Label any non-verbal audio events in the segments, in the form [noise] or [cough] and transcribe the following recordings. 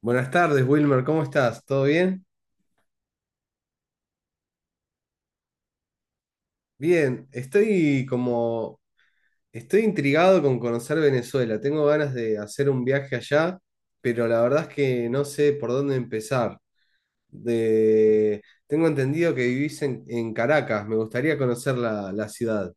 Buenas tardes, Wilmer, ¿cómo estás? ¿Todo bien? Bien, estoy intrigado con conocer Venezuela. Tengo ganas de hacer un viaje allá, pero la verdad es que no sé por dónde empezar. De, Tengo entendido que vivís en Caracas, me gustaría conocer la ciudad.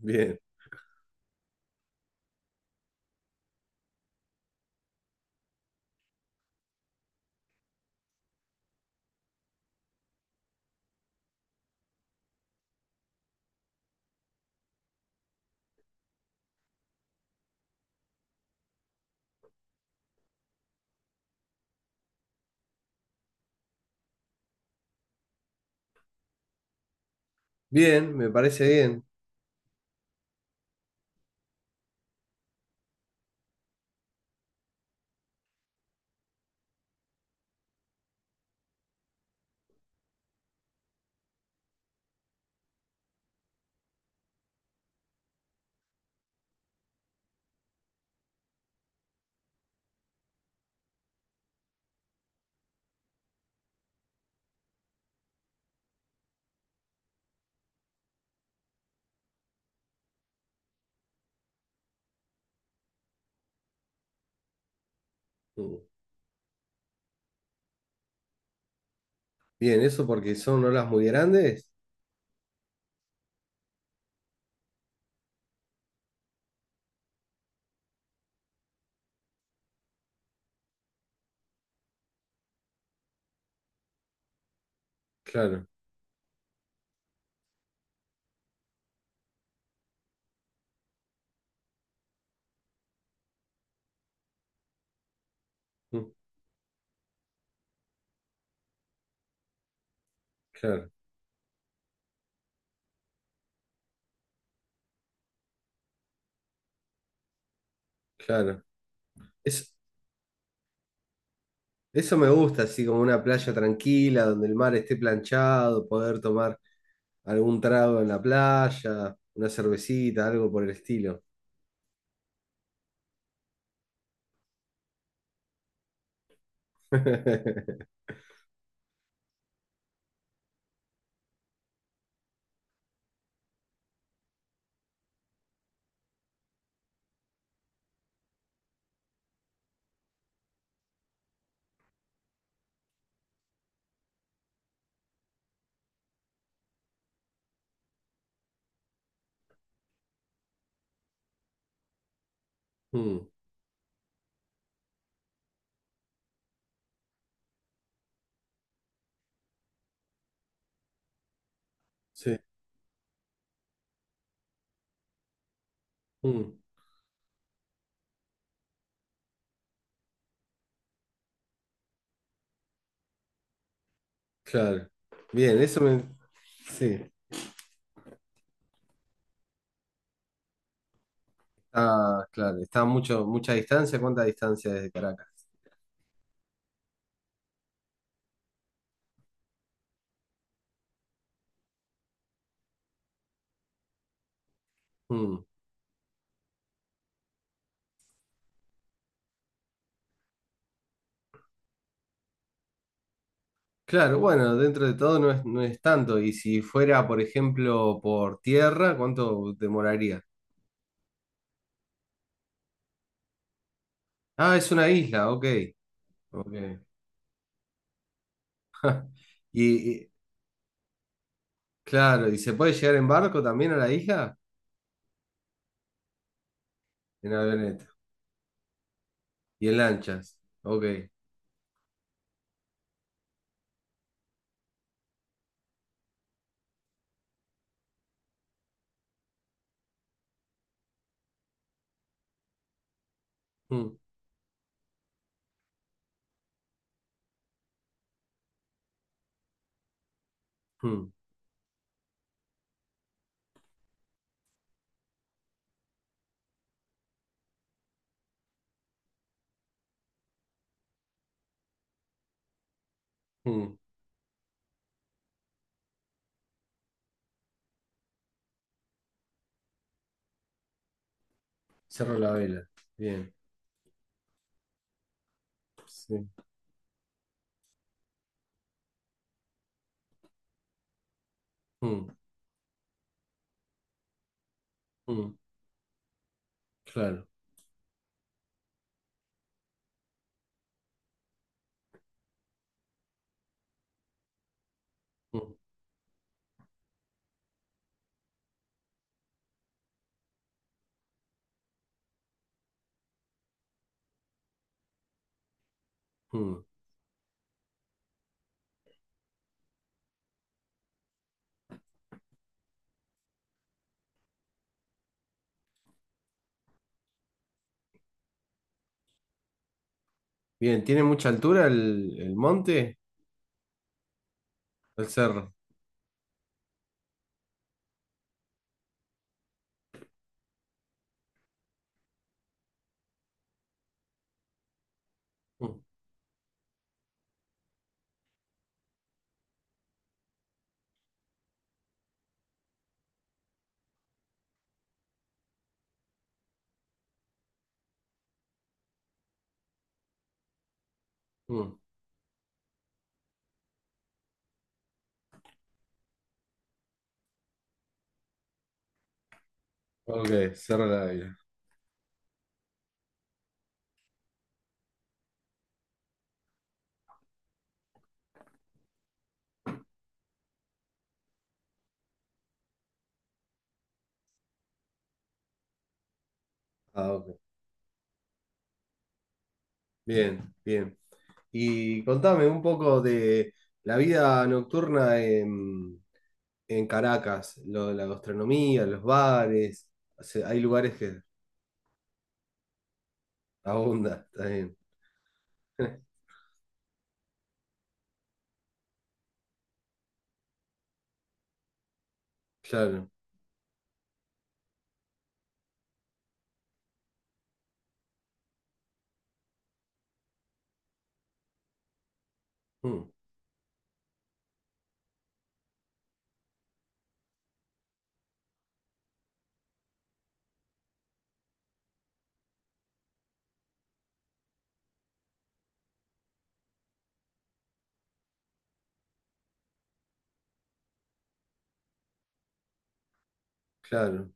Bien, bien, me parece bien. Mm. Bien, eso porque son olas muy grandes. Claro, mm, claro, claro. Es, Eso me gusta, así como una playa tranquila, donde el mar esté planchado, poder tomar algún trago en la playa, una cervecita, algo por el estilo. [laughs] Mm, sí, mm, claro. Bien, eso me... Sí, ah, claro, está mucho, mucha distancia. ¿Cuánta distancia desde Caracas? Mm, claro, bueno, dentro de todo no es tanto. Y si fuera, por ejemplo, por tierra, ¿cuánto demoraría? Ah, es una isla, ok. Ok. ¿Y, Claro, ¿y se puede llegar en barco también a la isla? En avioneta y en lanchas. Ok. Mm, mm, mm. Cerro la vela. Bien. Sí. Mm, mm, claro. Mm, mm. Bien, ¿tiene mucha altura el monte? El cerro. Mm, mm. Ok, cerro la vela. Ah, ok. Bien, bien. Y contame un poco de la vida nocturna en Caracas, lo de la gastronomía, los bares. O sea, hay lugares que. Abunda, está bien. [laughs] Claro, mm, claro,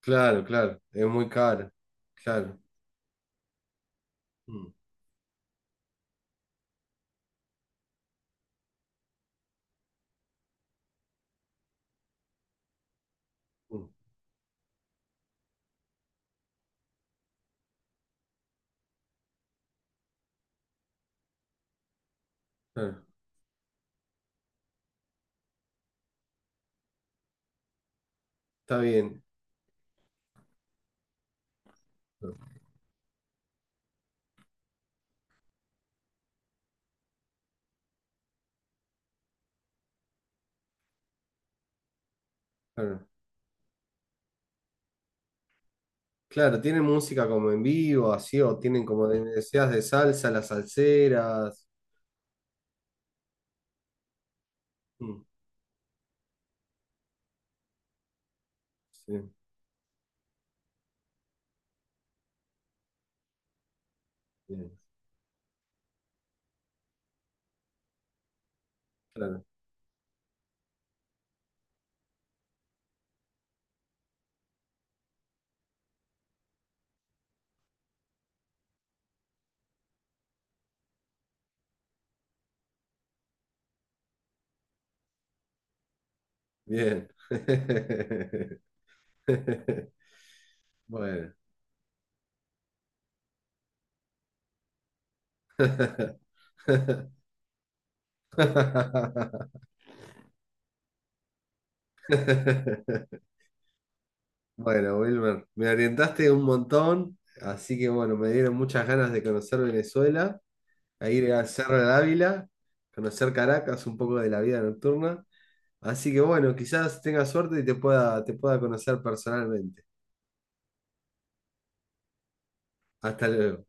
claro, claro. Es muy caro. Claro. Mm, mm, claro. Está bien. No, claro. Claro, tienen música como en vivo, así, o tienen como decías de salsa, las salseras. Mm, sí, bien, claro. Bien. [laughs] Bueno. [laughs] Bueno, Wilmer, me orientaste un montón, así que bueno, me dieron muchas ganas de conocer Venezuela, a ir a Cerro de Ávila, conocer Caracas, un poco de la vida nocturna. Así que bueno, quizás tenga suerte y te pueda conocer personalmente. Hasta luego.